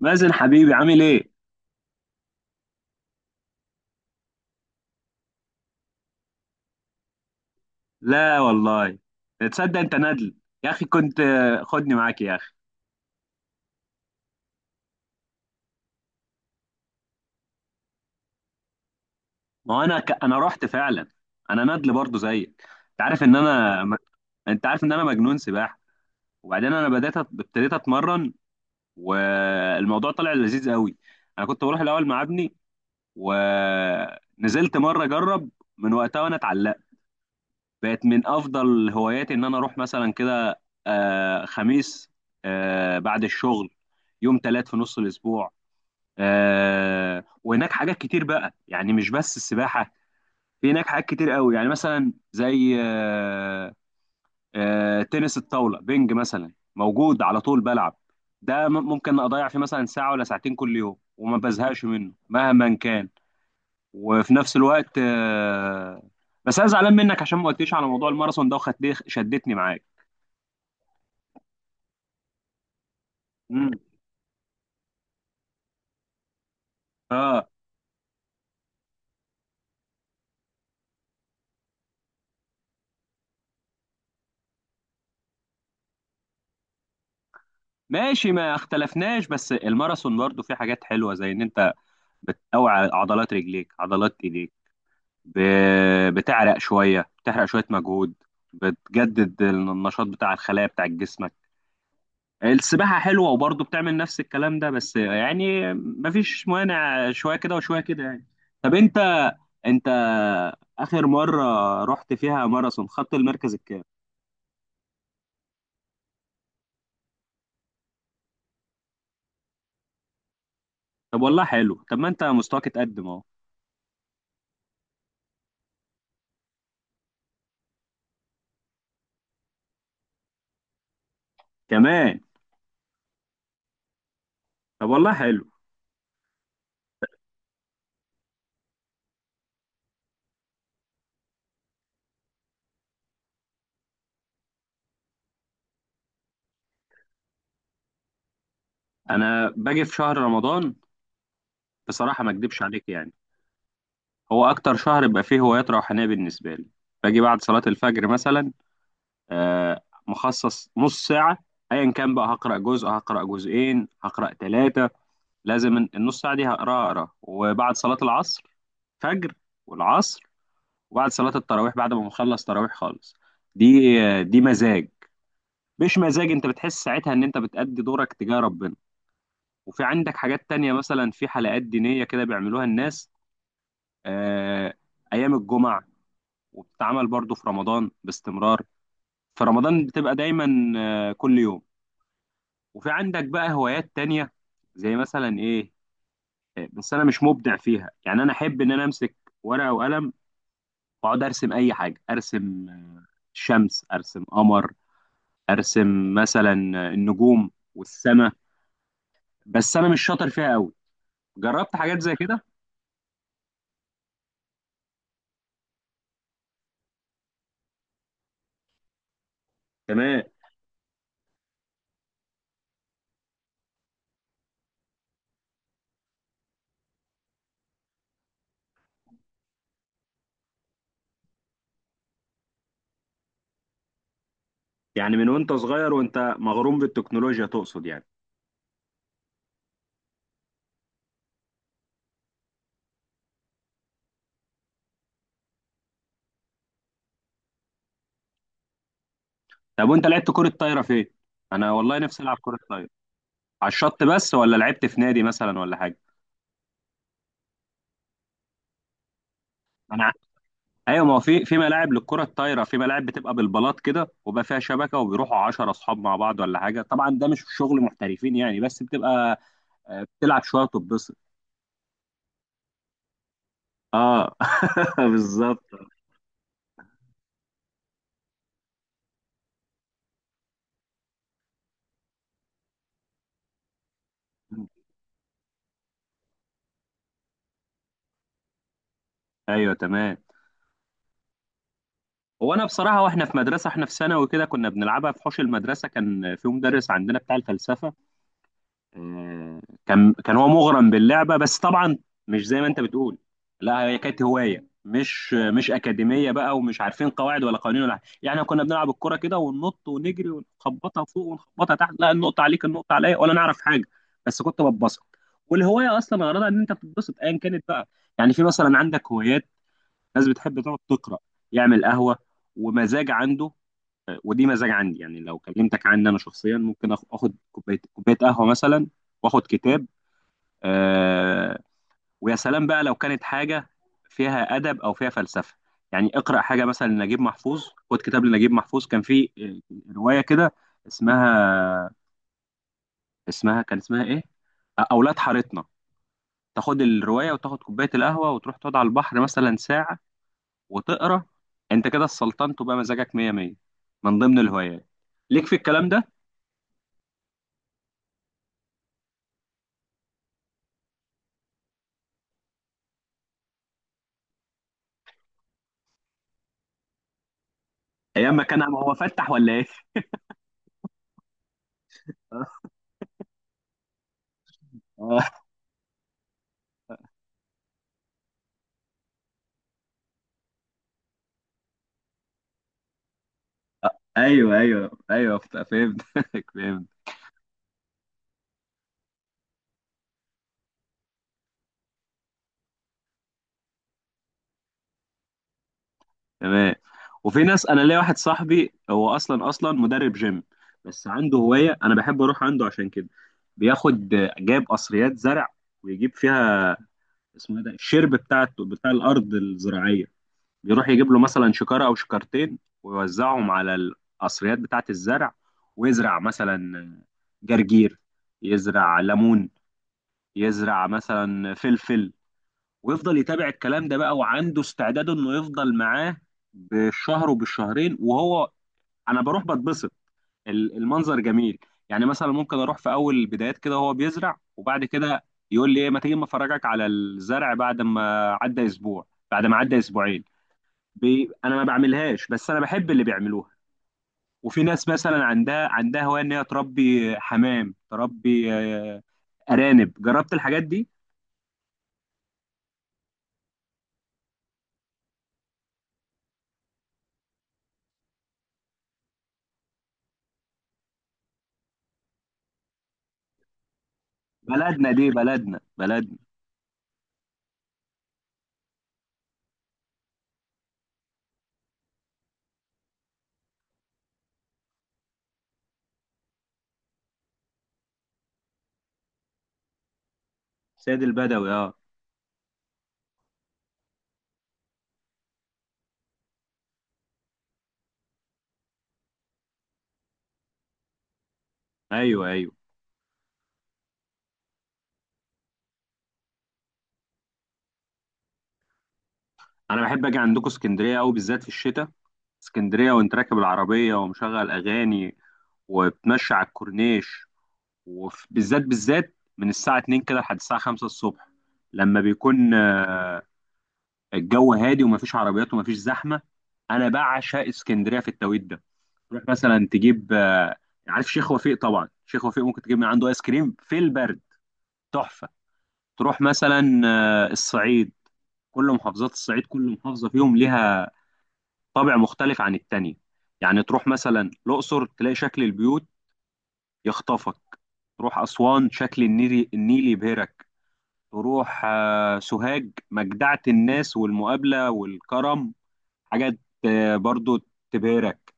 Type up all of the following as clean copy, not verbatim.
مازن حبيبي عامل ايه؟ لا والله. تصدق انت ندل. يا اخي كنت، خدني معاك يا اخي. ما هو انا ك... انا رحت فعلا. انا ندل برضو زيك. انت عارف ان انا م... انت عارف ان انا مجنون سباحه. وبعدين انا ابتديت اتمرن، والموضوع طلع لذيذ قوي. انا كنت بروح الاول مع ابني، ونزلت مره اجرب، من وقتها وانا اتعلقت. بقت من افضل هواياتي ان انا اروح مثلا كده خميس، بعد الشغل، يوم تلات في نص الاسبوع. وهناك حاجات كتير بقى، يعني مش بس السباحه، في هناك حاجات كتير قوي، يعني مثلا زي تنس الطاوله، بينج مثلا موجود على طول بلعب. ممكن اضيع فيه مثلا ساعه ولا ساعتين كل يوم وما بزهقش منه مهما كان. وفي نفس الوقت بس انا زعلان منك عشان ما قلتليش على موضوع الماراثون ده وخدت شدتني معاك. امم اه. ماشي، ما اختلفناش، بس الماراثون برضو فيه حاجات حلوه، زي ان انت بتقوي عضلات رجليك، عضلات ايديك، ب... بتعرق شويه، بتحرق شويه مجهود، بتجدد النشاط بتاع الخلايا بتاع جسمك. السباحه حلوه وبرضو بتعمل نفس الكلام ده، بس يعني مفيش مانع، شويه كده وشويه كده يعني. طب انت، اخر مره رحت فيها ماراثون خدت المركز الكام؟ طب والله حلو، طب ما انت مستواك اتقدم اهو. كمان؟ طب والله حلو. انا باجي في شهر رمضان، بصراحه ما اكدبش عليك يعني. هو اكتر شهر بيبقى فيه هوايات روحانيه بالنسبه لي. باجي بعد صلاه الفجر مثلا، آه، مخصص نص ساعه، ايا كان بقى، هقرا جزء، هقرا جزئين، هقرا ثلاثه، لازم النص ساعه دي هقراها اقرا. وبعد صلاه العصر، فجر والعصر، وبعد صلاة التراويح، بعد ما بخلص تراويح خالص. دي دي مزاج. مش مزاج، انت بتحس ساعتها ان انت بتأدي دورك تجاه ربنا. وفي عندك حاجات تانية، مثلا في حلقات دينية كده بيعملوها الناس، آه، ايام الجمعة. وبتتعمل برضو في رمضان باستمرار، في رمضان بتبقى دايما آه كل يوم. وفي عندك بقى هوايات تانية، زي مثلا ايه، بس انا مش مبدع فيها يعني. انا احب ان انا امسك ورقة وقلم واقعد ارسم اي حاجة. ارسم شمس، ارسم قمر، ارسم مثلا النجوم والسماء، بس انا مش شاطر فيها قوي. جربت حاجات زي كده. تمام. يعني من وانت صغير وانت مغروم بالتكنولوجيا تقصد يعني؟ طب وانت لعبت كرة طايرة فين؟ انا والله نفسي العب كرة طايرة. على الشط بس؟ ولا لعبت في نادي مثلا ولا حاجة؟ انا، ايوه، ما هو في ملاعب للكرة الطايرة، في ملاعب بتبقى بالبلاط كده وبقى فيها شبكة، وبيروحوا 10 اصحاب مع بعض ولا حاجة. طبعا ده مش شغل محترفين يعني، بس بتبقى بتلعب شوية وتتبسط. اه. بالظبط. ايوه تمام. هو انا بصراحه، واحنا في مدرسه، احنا في ثانوي كده، كنا بنلعبها في حوش المدرسه. كان في مدرس عندنا بتاع الفلسفه، آه، كان هو مغرم باللعبه. بس طبعا مش زي ما انت بتقول، لا، هي كانت هوايه مش اكاديميه بقى، ومش عارفين قواعد ولا قوانين ولا حاجه يعني. إحنا كنا بنلعب الكره كده وننط ونجري ونخبطها فوق ونخبطها تحت، لا النقطه عليك، النقطه عليا، ولا نعرف حاجه. بس كنت ببسط. والهوايه اصلا غرضها ان انت تتبسط ايا كانت بقى. يعني في مثلا عندك هوايات، ناس بتحب تقعد تقرا، يعمل قهوه، ومزاج عنده. آه، ودي مزاج عندي يعني. لو كلمتك عني انا شخصيا، ممكن اخد كوبايه، كوبايه قهوه. مثلا واخد كتاب. آه، ويا سلام بقى لو كانت حاجه فيها ادب او فيها فلسفه. يعني اقرا حاجه مثلا لنجيب محفوظ. خد كتاب لنجيب محفوظ، كان في روايه كده اسمها، اسمها كان ايه، اولاد حارتنا. تاخد الروايه وتاخد كوبايه القهوه وتروح تقعد على البحر مثلا ساعه وتقرا، انت كده السلطنت وبقى مزاجك مية مية. من ضمن الهوايات ليك في الكلام ده؟ ايام ما كان هو فتح ولا ايه؟ آه، ايوه ايوه ايوه فهمتك. فهمت. تمام. وفي ناس، انا ليا واحد صاحبي، هو اصلا مدرب جيم، بس عنده هوايه انا بحب اروح عنده عشان كده. بياخد، جايب قصريات زرع ويجيب فيها، اسمه ايه ده، الشرب بتاع الارض الزراعيه، بيروح يجيب له مثلا شكارة أو شكارتين ويوزعهم على القصريات بتاعة الزرع. ويزرع مثلا جرجير، يزرع ليمون، يزرع مثلا فلفل، ويفضل يتابع الكلام ده بقى. وعنده استعداد إنه يفضل معاه بالشهر وبالشهرين وهو، أنا بروح بتبسط. المنظر جميل يعني. مثلا ممكن أروح في أول البدايات كده وهو بيزرع، وبعد كده يقول لي إيه، ما تيجي ما أفرجك على الزرع، بعد ما عدى أسبوع، بعد ما عدى أسبوعين. انا ما بعملهاش، بس انا بحب اللي بيعملوها. وفي ناس مثلا عندها هوايه ان هي تربي حمام، تربي ارانب. جربت الحاجات دي. بلدنا، دي بلدنا. سيد البدوي، اه. ايوه ايوه. انا بحب اجي عندكم اسكندريه قوي، بالذات في الشتاء. اسكندريه وانت راكب العربيه ومشغل اغاني وبتمشي على الكورنيش، وبالذات بالذات من الساعه 2 كده لحد الساعه 5 الصبح، لما بيكون الجو هادي ومفيش عربيات ومفيش زحمه. انا بعشق اسكندريه في التوقيت ده. تروح مثلا تجيب عارف شيخ وفيق؟ طبعا شيخ وفيق ممكن تجيب من عنده ايس كريم في البرد، تحفه. تروح مثلا الصعيد، كل محافظات الصعيد كل محافظه فيهم ليها طابع مختلف عن التانية. يعني تروح مثلا الاقصر تلاقي شكل البيوت يخطفك، تروح اسوان شكل النيل، النيل يبهرك، تروح سوهاج، مجدعه الناس والمقابله والكرم، حاجة برضو تبهرك.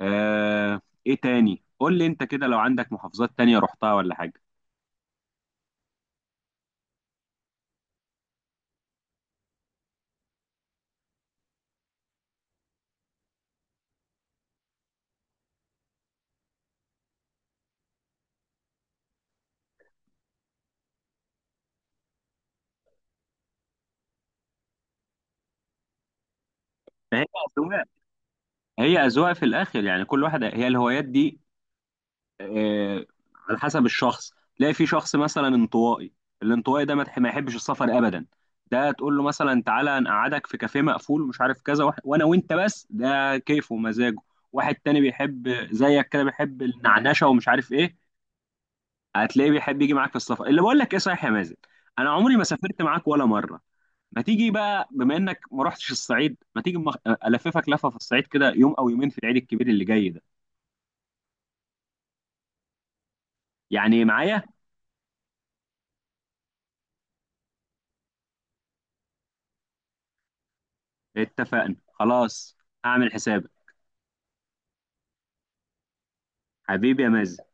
آه، ايه تاني، قول لي انت كده لو عندك محافظات تانية رحتها ولا حاجة. فهي أذواق، هي أذواق في الآخر يعني. كل واحدة، هي الهوايات دي آه، على حسب الشخص. تلاقي في شخص مثلا انطوائي، الانطوائي ده ما يحبش السفر أبدا. ده تقول له مثلا تعالى نقعدك في كافيه مقفول ومش عارف كذا وانا وانت بس، ده كيفه ومزاجه. واحد تاني بيحب زيك كده، بيحب النعنشة ومش عارف ايه، هتلاقيه بيحب يجي معاك في السفر، اللي بقول لك ايه، صحيح يا مازن، انا عمري ما سافرت معاك ولا مره. ما تيجي بقى بما انك ما رحتش الصعيد، ما تيجي الففك لفه في الصعيد كده يوم او يومين في العيد الكبير اللي جاي ده، يعني معايا. اتفقنا، خلاص، هعمل حسابك. حبيبي يا مازن.